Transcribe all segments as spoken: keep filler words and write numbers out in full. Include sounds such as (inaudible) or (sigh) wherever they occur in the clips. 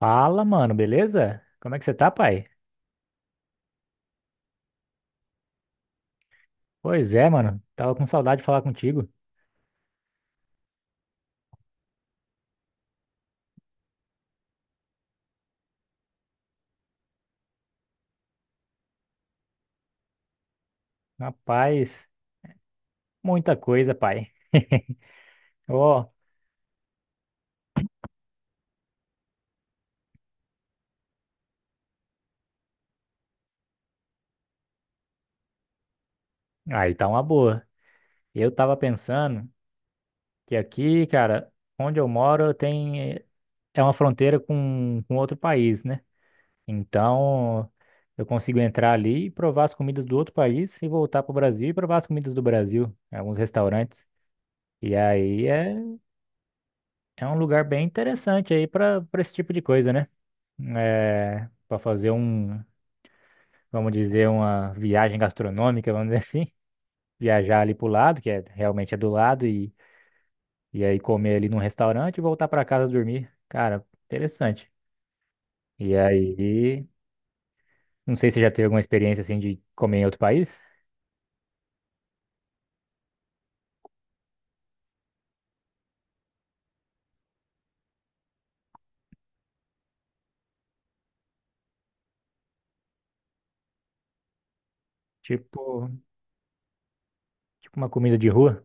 Fala, mano, beleza? Como é que você tá, pai? Pois é, mano, tava com saudade de falar contigo. Rapaz, muita coisa, pai. Ó, aí tá uma boa. Eu tava pensando que aqui, cara, onde eu moro tem é uma fronteira com, com outro país, né? Então, eu consigo entrar ali e provar as comidas do outro país e voltar pro Brasil e provar as comidas do Brasil, em alguns restaurantes. E aí é, é um lugar bem interessante aí pra para esse tipo de coisa, né? É, para fazer um, vamos dizer, uma viagem gastronômica, vamos dizer (laughs) assim. Viajar ali pro lado, que é realmente é do lado, e, e aí comer ali num restaurante e voltar pra casa dormir. Cara, interessante. E aí, não sei se você já teve alguma experiência assim de comer em outro país? Tipo, tipo uma comida de rua?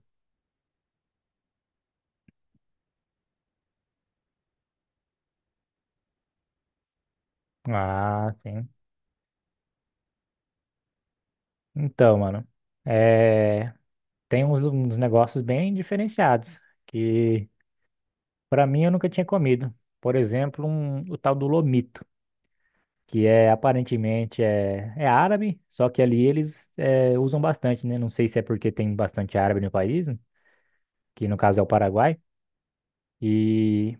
Ah, sim. Então, mano, é, tem uns, uns negócios bem diferenciados que pra mim eu nunca tinha comido. Por exemplo, um, o tal do lomito, que é aparentemente é, é árabe, só que ali eles é, usam bastante, né? Não sei se é porque tem bastante árabe no país, que no caso é o Paraguai, e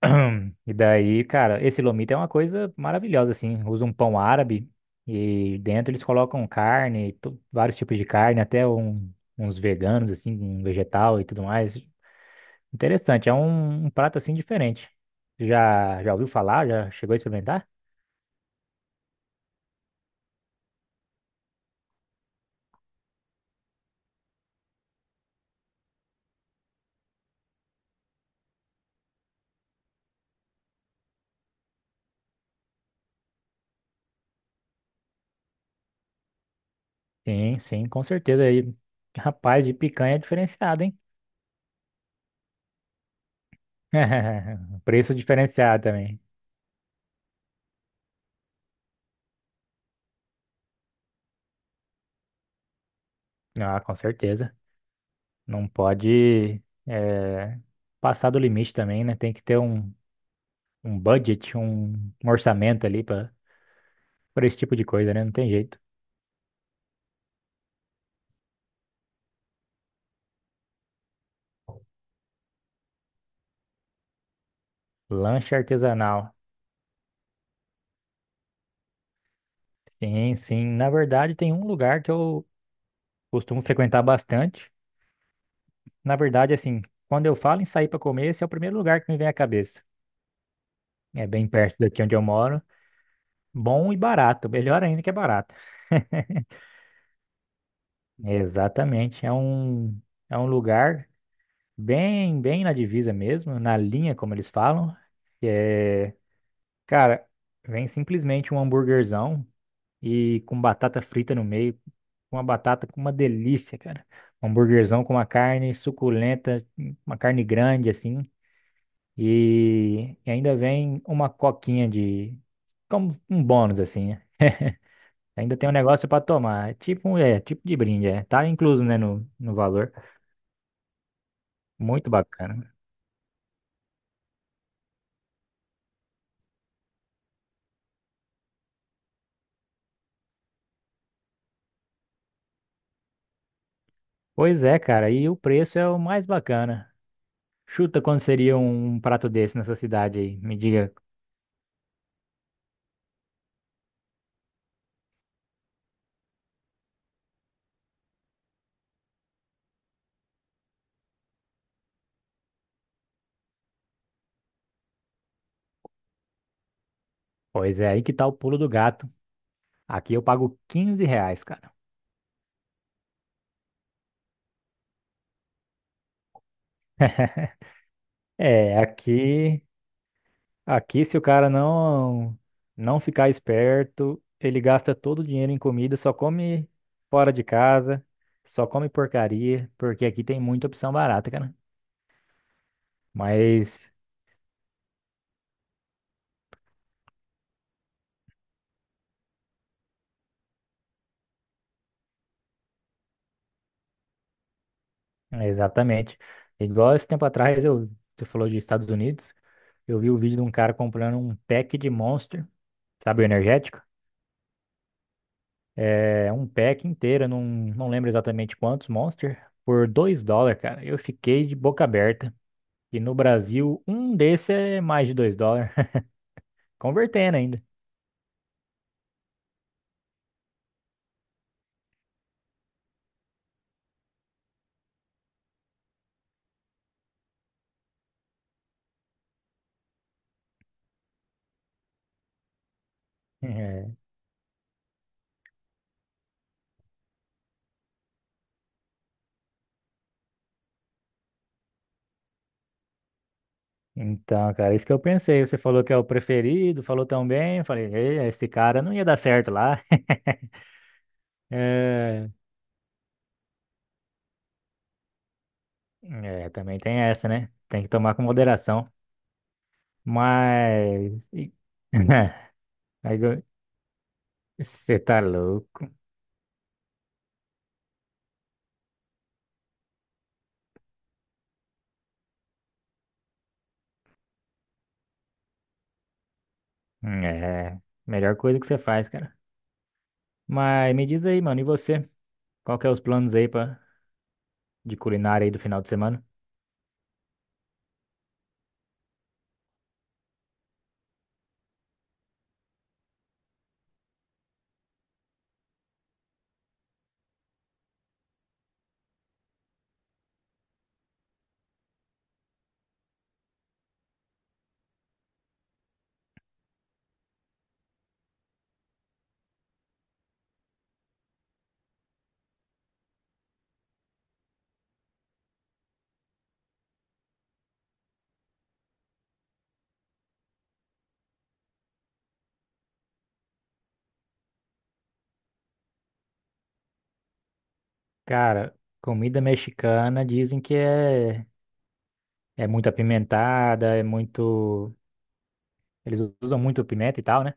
(clears throat) e daí, cara, esse lomito é uma coisa maravilhosa assim, usa um pão árabe e dentro eles colocam carne, to- vários tipos de carne, até um- uns veganos assim, um vegetal e tudo mais. Interessante, é um, um prato assim diferente. Já já ouviu falar? Já chegou a experimentar? Sim, sim, com certeza. Aí rapaz, de picanha é diferenciado, hein? (laughs) Preço diferenciado também. Ah, com certeza. Não pode eh, passar do limite também, né? Tem que ter um, um budget, um, um orçamento ali para para esse tipo de coisa, né? Não tem jeito. Lanche artesanal. Sim, sim. Na verdade, tem um lugar que eu costumo frequentar bastante. Na verdade, assim, quando eu falo em sair para comer, esse é o primeiro lugar que me vem à cabeça. É bem perto daqui onde eu moro. Bom e barato, melhor ainda que é barato. (laughs) Exatamente, é um, é um lugar bem, bem na divisa mesmo, na linha, como eles falam. Que é, cara, vem simplesmente um hambúrguerzão e com batata frita no meio, uma batata com uma delícia, cara. Um hambúrguerzão com uma carne suculenta, uma carne grande assim, e, e ainda vem uma coquinha de, como um bônus assim. Ainda tem um negócio pra tomar. É, tipo, um- é, tipo de brinde, é. Tá incluso, né, no, no valor. Muito bacana. Pois é, cara, e o preço é o mais bacana. Chuta quanto seria um um prato desse nessa cidade aí. Me diga. Pois é, aí que tá o pulo do gato. Aqui eu pago quinze reais, cara. É, aqui, aqui se o cara não não ficar esperto, ele gasta todo o dinheiro em comida, só come fora de casa, só come porcaria, porque aqui tem muita opção barata, cara. Mas Exatamente. Igual esse tempo atrás, eu, você falou de Estados Unidos, eu vi o vídeo de um cara comprando um pack de Monster, sabe, o energético? É, um pack inteiro, não, não lembro exatamente quantos Monster, por dois dólares, cara. Eu fiquei de boca aberta. E no Brasil, um desse é mais de dois dólares, (laughs) convertendo ainda. É. Então, cara, isso que eu pensei. Você falou que é o preferido, falou tão bem. Eu falei, "Ei, esse cara não ia dar certo lá." (laughs) É, é, também tem essa, né? Tem que tomar com moderação. Mas. e- (laughs) Agora, você tá louco? É. Melhor coisa que você faz, cara. Mas me diz aí, mano, e você? Qual que é os planos aí pra de culinária aí do final de semana? Cara, comida mexicana dizem que é, é muito apimentada, é muito. Eles usam muito pimenta e tal, né?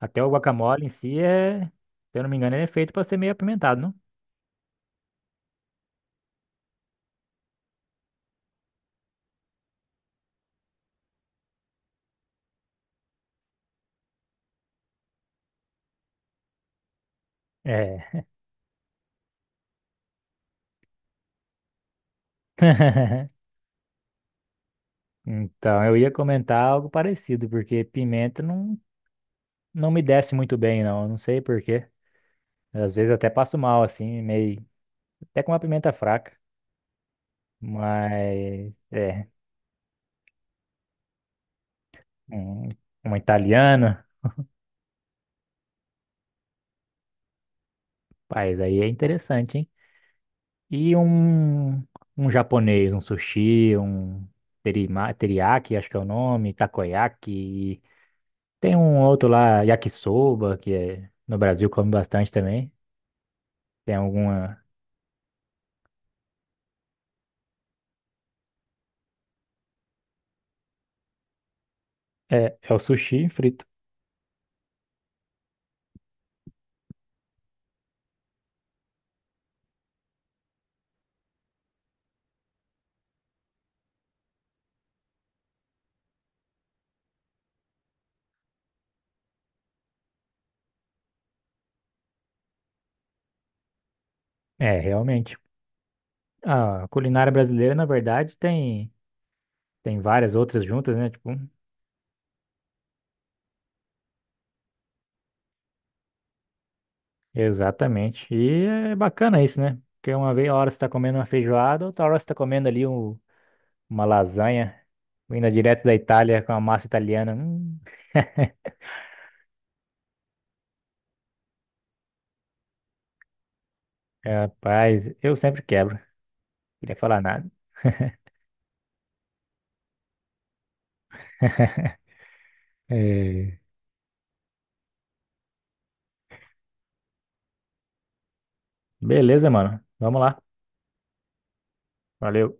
Até o guacamole em si é, se eu não me engano, ele é feito pra ser meio apimentado, não? É. (laughs) Então, eu ia comentar algo parecido, porque pimenta não, não me desce muito bem, não. Eu não sei por quê. Às vezes eu até passo mal, assim, meio. Até com uma pimenta fraca. Mas, é. Um, um italiano, rapaz, aí é interessante, hein? E um, um japonês, um sushi, um terima, teriyaki, acho que é o nome, takoyaki. Tem um outro lá, yakisoba, que é, no Brasil come bastante também. Tem alguma. É, é o sushi frito. É, realmente. A culinária brasileira, na verdade, tem, tem várias outras juntas, né? Tipo, exatamente. E é bacana isso, né? Porque uma vez, a hora você tá comendo uma feijoada, outra hora você tá comendo ali um- uma lasanha, vinda direto da Itália com a massa italiana. Hum, (laughs) rapaz, eu sempre quebro. Queria falar nada. É, beleza, mano. Vamos lá. Valeu.